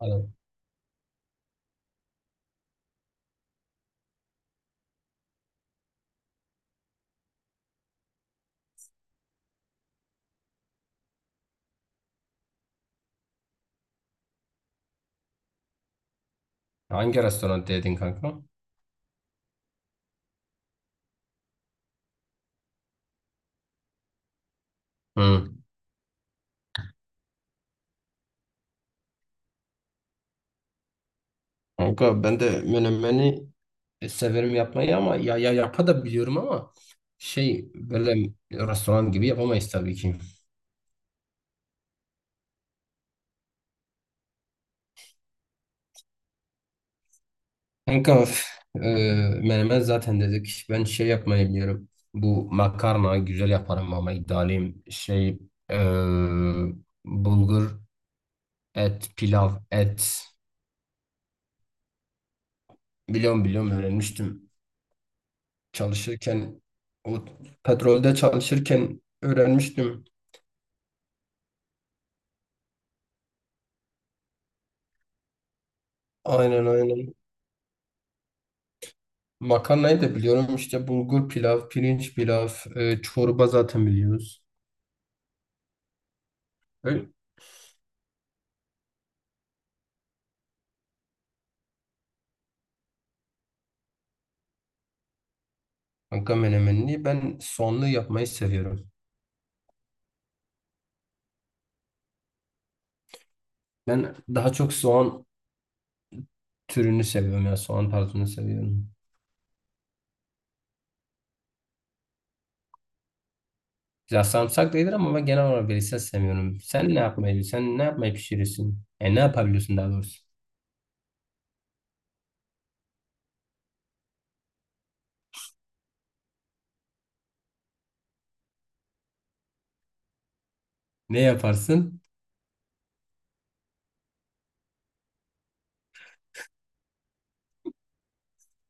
Aynen. Hangi restoran dedin kanka? Hı. Kanka ben de menemeni severim yapmayı ama ya yapa da biliyorum ama şey böyle restoran gibi yapamayız tabii ki. Kanka üf, e, menemen zaten dedik. Ben şey yapmayı biliyorum. Bu makarna güzel yaparım ama iddialıyım. Şey e, bulgur, et, pilav, et. Biliyorum, biliyorum, öğrenmiştim. Çalışırken o petrolde çalışırken öğrenmiştim. Aynen, aynen. Makarnayı da biliyorum. İşte bulgur pilav, pirinç pilav, çorba zaten biliyoruz. Öyle. Kanka menemenini ben soğanlı yapmayı seviyorum. Ben daha çok soğan türünü seviyorum ya. Soğan tarzını seviyorum. Ya sarımsak da iyidir ama ben genel olarak verirsen sevmiyorum. Sen ne yapmayı pişirirsin? E ne yapabiliyorsun daha doğrusu? Ne yaparsın?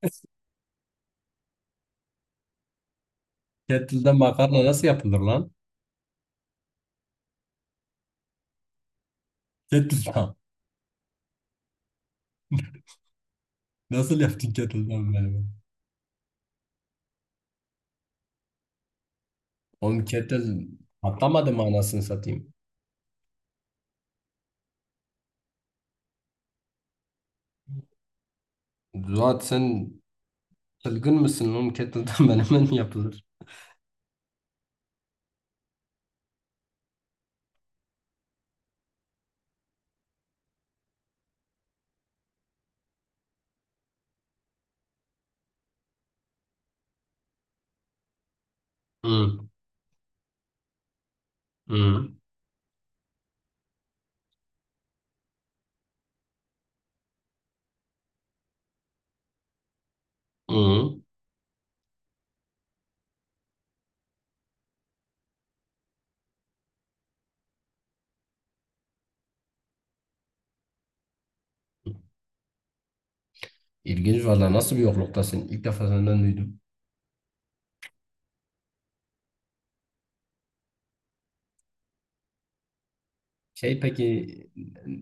Kettle'da makarna nasıl yapılır lan? Kettle'da. Nasıl yaptın kettle'dan menemen? Oğlum kettle patlamadı mı anasını satayım? Zuhat sen çılgın mısın oğlum? Kettle'dan menemen mi yapılır? Hı. Hı. Hı. İlginç valla, nasıl bir yokluktasın? İlk defa senden duydum. Şey peki,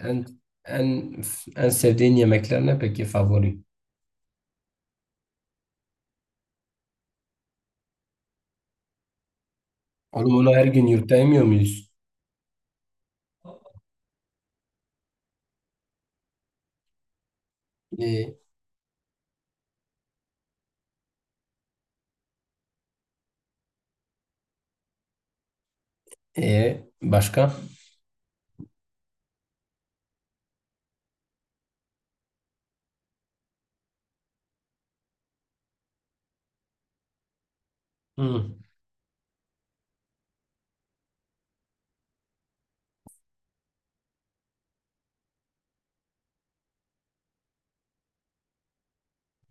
en en en sevdiğin yemekler ne peki favori? Oğlum onu her gün yurtta yemiyor muyuz? E, e başka? Hı.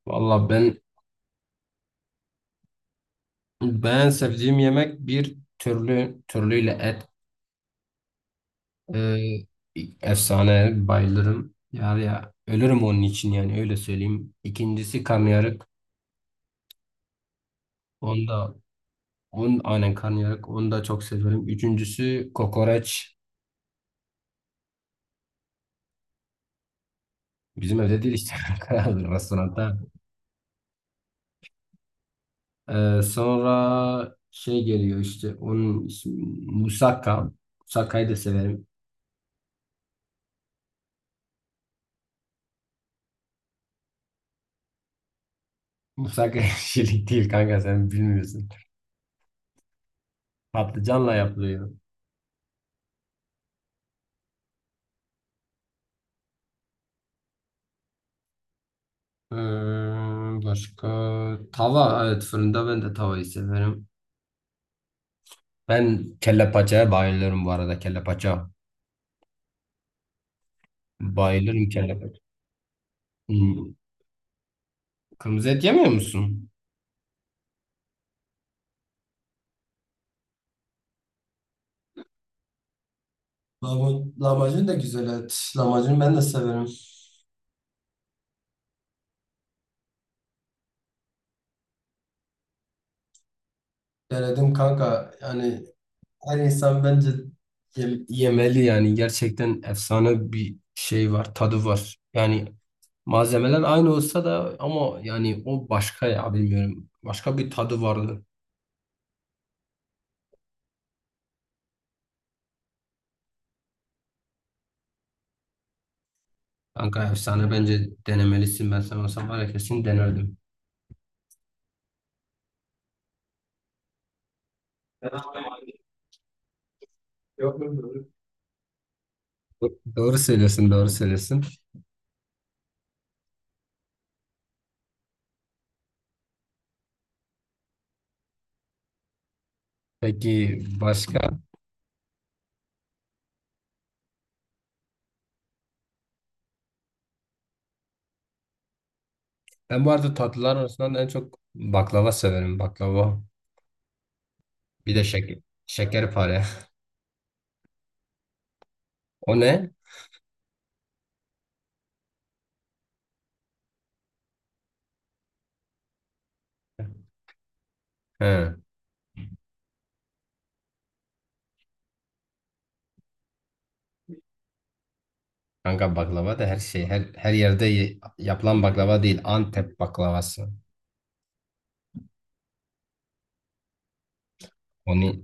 Valla ben sevdiğim yemek bir türlü, türlüyle et. Ee, efsane bayılırım. Ya, ya, ölürüm onun için yani öyle söyleyeyim. İkincisi karnıyarık. Onu da on aynen karnıyarık. Onu da çok severim. Üçüncüsü kokoreç. Bizim evde değil işte. Kraldır restoranda. Sonra şey geliyor, işte onun ismi musakka. Musakka'yı da severim. Musakka şeylik değil kanka, sen bilmiyorsun. Patlıcanla yapılıyor. Ee, başka tava, evet fırında, ben de tavayı severim. Ben kelle paçaya bayılıyorum bu arada. Kelle paça. Bayılırım kelle paça. Hmm. Kırmızı et yemiyor musun? Lahmacun, lahmacun, da güzel et. Lahmacun ben de severim. Denedim kanka. Yani her insan bence yemeli yani. Gerçekten efsane bir şey var. Tadı var. Yani malzemeler aynı olsa da, ama yani o başka ya, bilmiyorum. Başka bir tadı vardı. Kanka efsane, bence denemelisin. Ben sana olsam var ya kesin denerdim. Yok mu? Doğru söylüyorsun, doğru söylüyorsun. Peki başka? Ben bu arada tatlılar arasından en çok baklava severim. Baklava. Bir de şekerpare. O ne? He. Kanka baklava da her şey, her yerde yapılan baklava değil. Antep baklavası. Onu,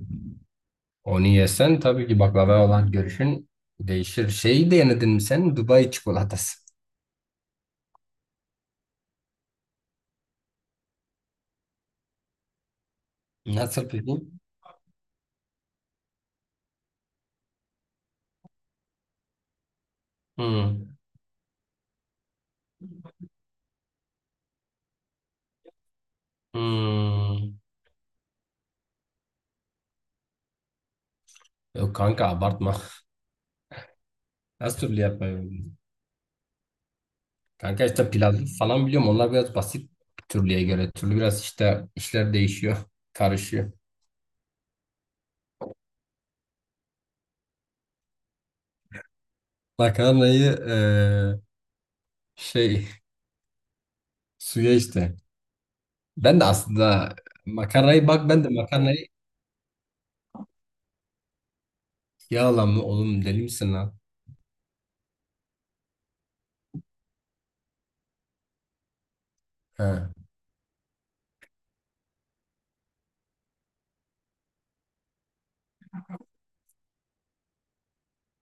onu yesen tabii ki baklava olan görüşün değişir. Şeyi de denedin mi sen? Dubai çikolatası. Nasıl peki? Hmm. Hmm. Yok kanka abartma. Nasıl türlü yapmayı? Kanka işte pilavı falan biliyorum. Onlar biraz basit türlüye göre. Türlü biraz işte işler değişiyor. Karışıyor. Makarnayı şey, suya işte. Ben de aslında makarnayı bak ben de makarnayı yağla mı oğlum, deli misin lan? Ha.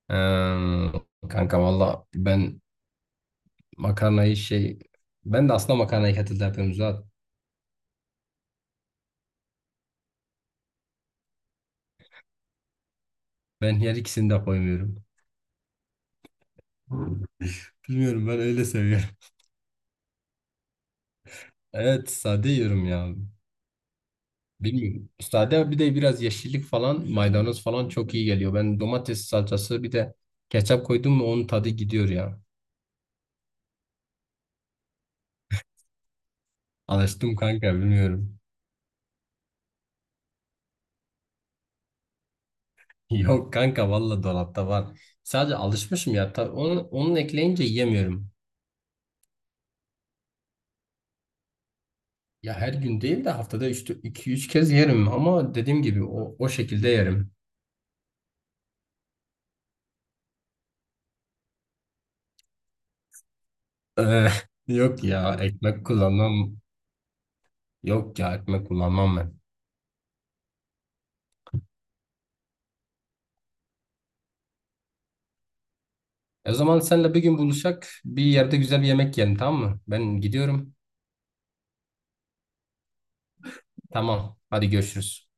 Eee, kanka valla makarnayı şey ben de aslında makarnayı kettle'da yapıyorum zaten. Ben her ikisini de koymuyorum. Bilmiyorum, ben öyle seviyorum. Evet sade yiyorum ya. Bilmiyorum. Sade bir de biraz yeşillik falan, maydanoz falan çok iyi geliyor. Ben domates salçası bir de ketçap koydum mu onun tadı gidiyor ya. Alıştım kanka, bilmiyorum. Yok kanka valla dolapta var. Sadece alışmışım ya. Onun ekleyince yiyemiyorum. Ya her gün değil de haftada 2-3 kez yerim, ama dediğim gibi o şekilde yerim. Eh, yok ya, ekmek kullanmam. Yok ya, ekmek kullanmam ben. E o zaman senle bir gün buluşak bir yerde güzel bir yemek yiyelim, tamam mı? Ben gidiyorum. Tamam. Hadi görüşürüz.